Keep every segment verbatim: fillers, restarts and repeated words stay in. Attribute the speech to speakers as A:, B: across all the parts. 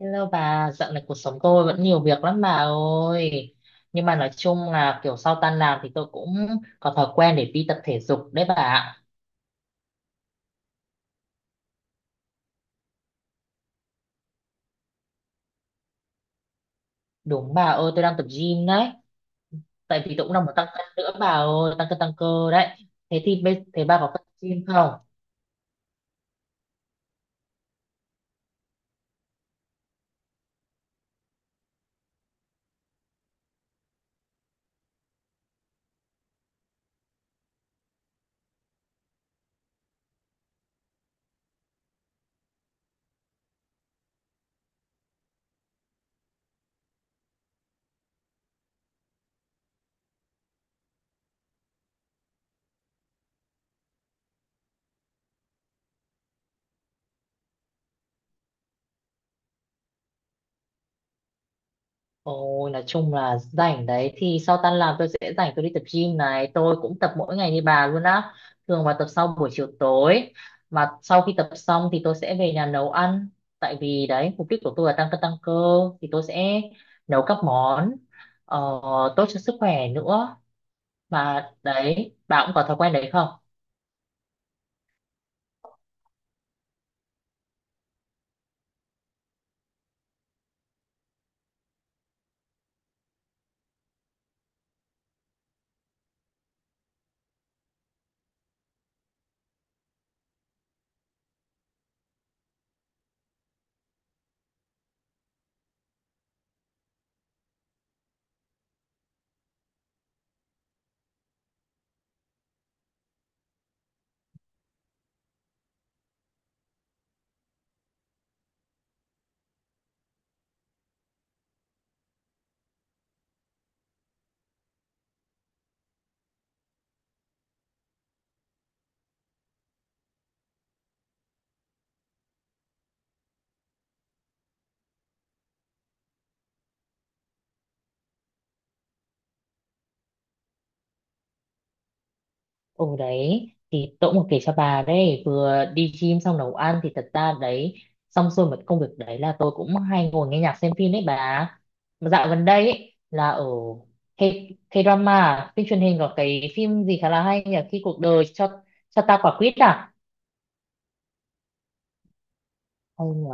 A: Hello bà, dạo này cuộc sống tôi vẫn nhiều việc lắm bà ơi. Nhưng mà nói chung là kiểu sau tan làm thì tôi cũng có thói quen để đi tập thể dục đấy bà. ạ. Đúng bà ơi, tôi đang tập gym đấy. Tại vì tôi cũng đang muốn tăng cân nữa bà ơi, tăng cân tăng cơ đấy. Thế thì bây- thế bà có tập gym không? Ôi, nói chung là rảnh đấy thì sau tan làm tôi sẽ rảnh, tôi đi tập gym này, tôi cũng tập mỗi ngày như bà luôn á, thường vào tập sau buổi chiều tối. Mà sau khi tập xong thì tôi sẽ về nhà nấu ăn, tại vì đấy mục đích của tôi là tăng cân tăng cơ, thì tôi sẽ nấu các món ờ, tốt cho sức khỏe nữa. Mà đấy bà cũng có thói quen đấy không? Ồ đấy thì tôi cũng có kể cho bà đấy, vừa đi gym xong nấu ăn thì thật ra đấy xong xuôi một công việc đấy là tôi cũng hay ngồi nghe nhạc xem phim đấy bà. Mà dạo gần đây ấy, là ở K, K-drama phim truyền hình có cái phim gì khá là hay nhỉ, khi cuộc đời cho cho ta quả quýt à, hay nhỉ.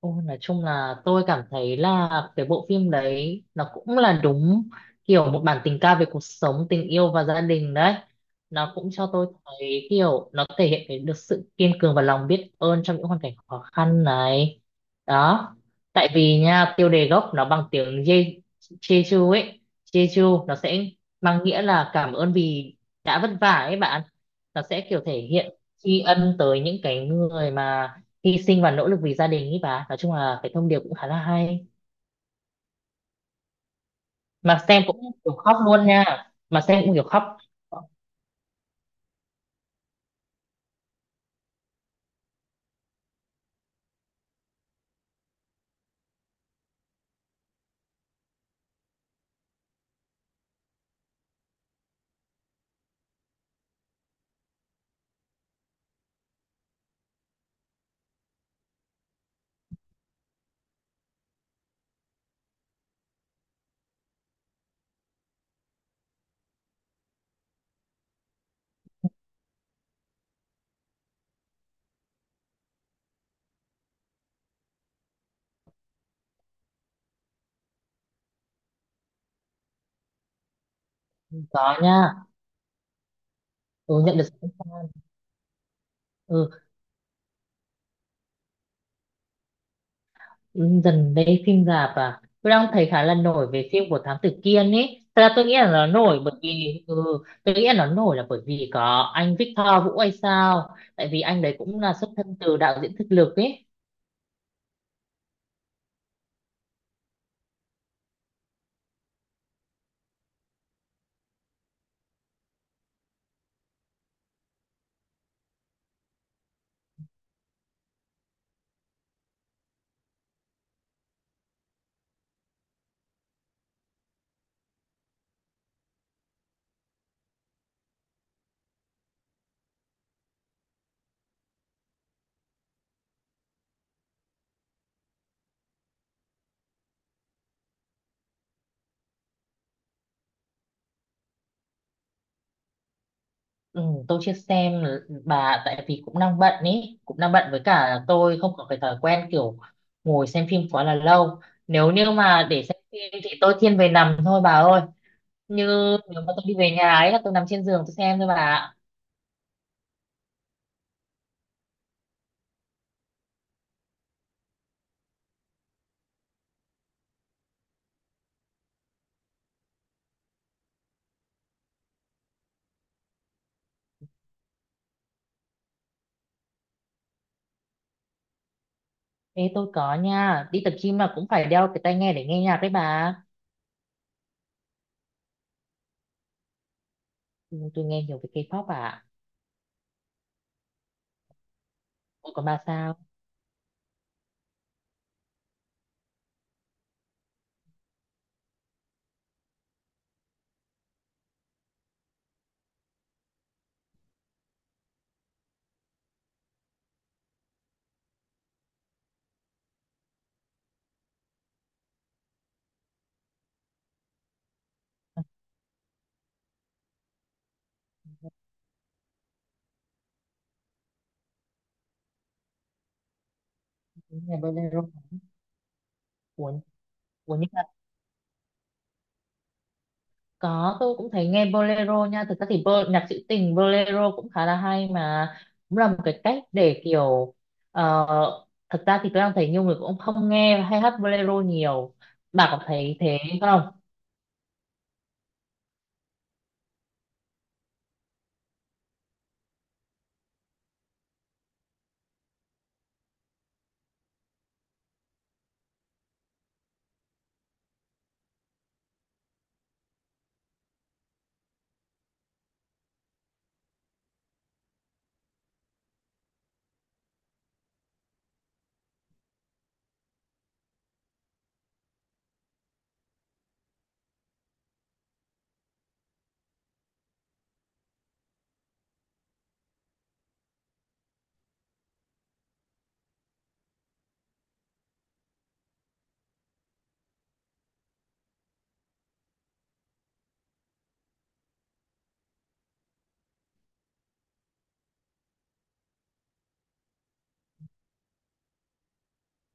A: Ôi, nói chung là tôi cảm thấy là cái bộ phim đấy nó cũng là đúng kiểu một bản tình ca về cuộc sống, tình yêu và gia đình đấy. Nó cũng cho tôi thấy kiểu nó thể hiện cái được sự kiên cường và lòng biết ơn trong những hoàn cảnh khó khăn này. Đó. Tại vì nha, tiêu đề gốc nó bằng tiếng Je- Jeju ấy. Jeju nó sẽ mang nghĩa là cảm ơn vì đã vất vả ấy bạn. Nó sẽ kiểu thể hiện tri ân tới những cái người mà hy sinh và nỗ lực vì gia đình ý bà, nói chung là cái thông điệp cũng khá là hay, mà xem cũng kiểu khóc luôn nha, mà xem cũng kiểu khóc. Có nha. Ừ, nhận được sự khen fan. Ừ, dần đây phim rạp à tôi đang thấy khá là nổi về phim của Thám Tử Kiên ấy, thật ra tôi nghĩ là nó nổi bởi vì ừ, tôi nghĩ là nó nổi là bởi vì có anh Victor Vũ hay sao, tại vì anh đấy cũng là xuất thân từ đạo diễn thực lực ấy. Ừ, tôi chưa xem bà, tại vì cũng đang bận ý cũng đang bận, với cả tôi không có cái thói quen kiểu ngồi xem phim quá là lâu. Nếu như mà để xem phim thì tôi thiên về nằm thôi bà ơi. Như nếu mà tôi đi về nhà ấy là tôi nằm trên giường tôi xem thôi bà ạ. Ê tôi có nha, đi tập gym mà cũng phải đeo cái tai nghe để nghe nhạc đấy bà. Ừ, tôi nghe nhiều về K-pop bà ạ. Ủa, còn bà sao? Nghe bolero cuốn, cuốn như... Có, tôi cũng thấy nghe bolero nha. Thực ra thì bo- nhạc trữ tình bolero cũng khá là hay, mà cũng là một cái cách để kiểu ờ, thật ra thì tôi đang thấy nhiều người cũng không nghe hay hát bolero nhiều. Bà có thấy thế không?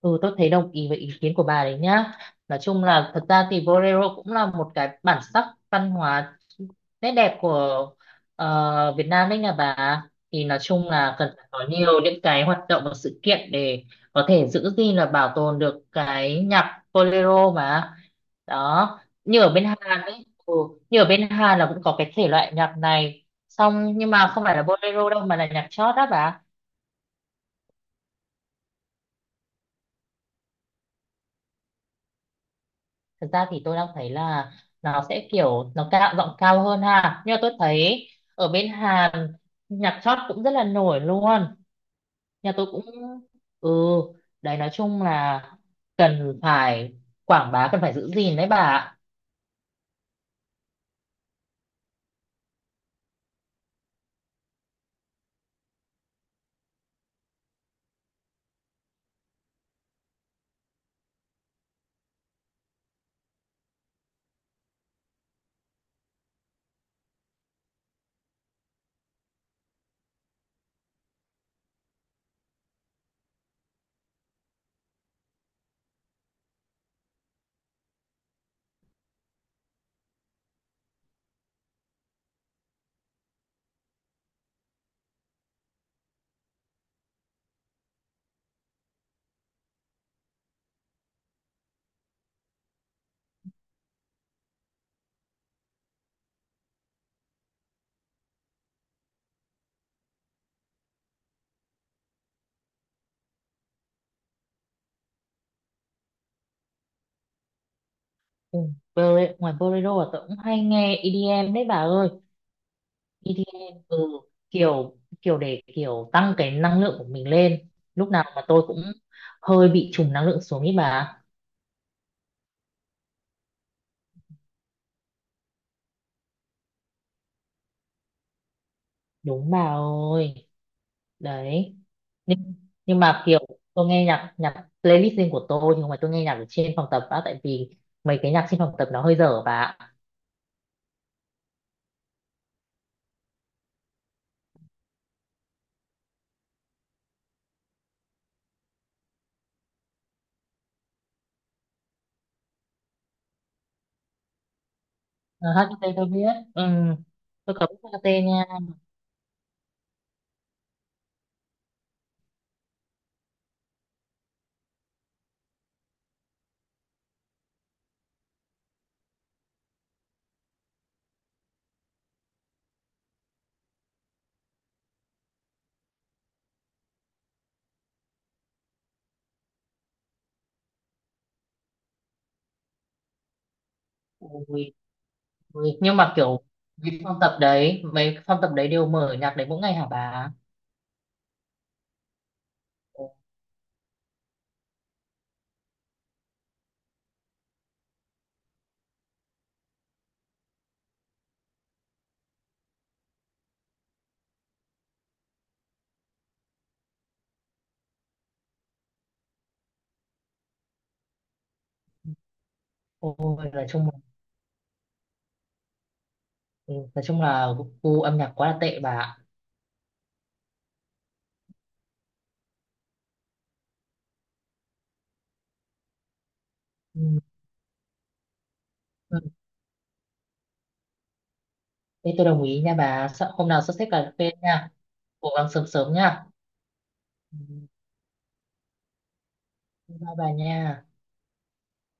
A: Ừ, tôi thấy đồng ý với ý kiến của bà đấy nhá. Nói chung là thật ra thì bolero cũng là một cái bản sắc văn hóa nét đẹp của ờ, Việt Nam đấy nhà bà. Thì nói chung là cần phải có nhiều những cái hoạt động và sự kiện để có thể giữ gìn là bảo tồn được cái nhạc bolero mà. Đó, như ở bên Hàn ấy, ừ, như ở bên Hàn là cũng có cái thể loại nhạc này. Xong nhưng mà không phải là bolero đâu mà là nhạc chót đó bà. Thực ra thì tôi đang thấy là nó sẽ kiểu nó cao giọng cao hơn ha, nhưng mà tôi thấy ở bên Hàn nhạc chót cũng rất là nổi luôn, nhà tôi cũng... ừ đấy nói chung là cần phải quảng bá, cần phải giữ gìn đấy bà ạ. Ừ, bolero, ngoài bolero là tôi cũng hay nghe i đi em đấy bà ơi. i đi em, ừ kiểu kiểu để kiểu tăng cái năng lượng của mình lên, lúc nào mà tôi cũng hơi bị trùng năng lượng xuống ý bà. Đúng bà ơi đấy, nhưng nhưng mà kiểu tôi nghe nhạc nhạc playlist riêng của tôi, nhưng mà tôi nghe nhạc ở trên phòng tập á, tại vì mấy cái nhạc trên phòng tập nó hơi dở bà ạ. Ờ, hát ca tê tôi biết ừ. Tôi có biết hát HKT nha. Ui, ui, nhưng mà kiểu cái phòng tập đấy mấy phòng tập đấy đều mở nhạc đấy mỗi ngày hả bà? Ôi, nói chung là, ừ, nói chung là gu âm nhạc quá là tệ bà ạ. Ừ. ừ. Thế tôi đồng ý nha bà. Sợ- hôm nào sắp xếp cà phê nha. Cố gắng sớm sớm nha. Ừ. Bye bà nha.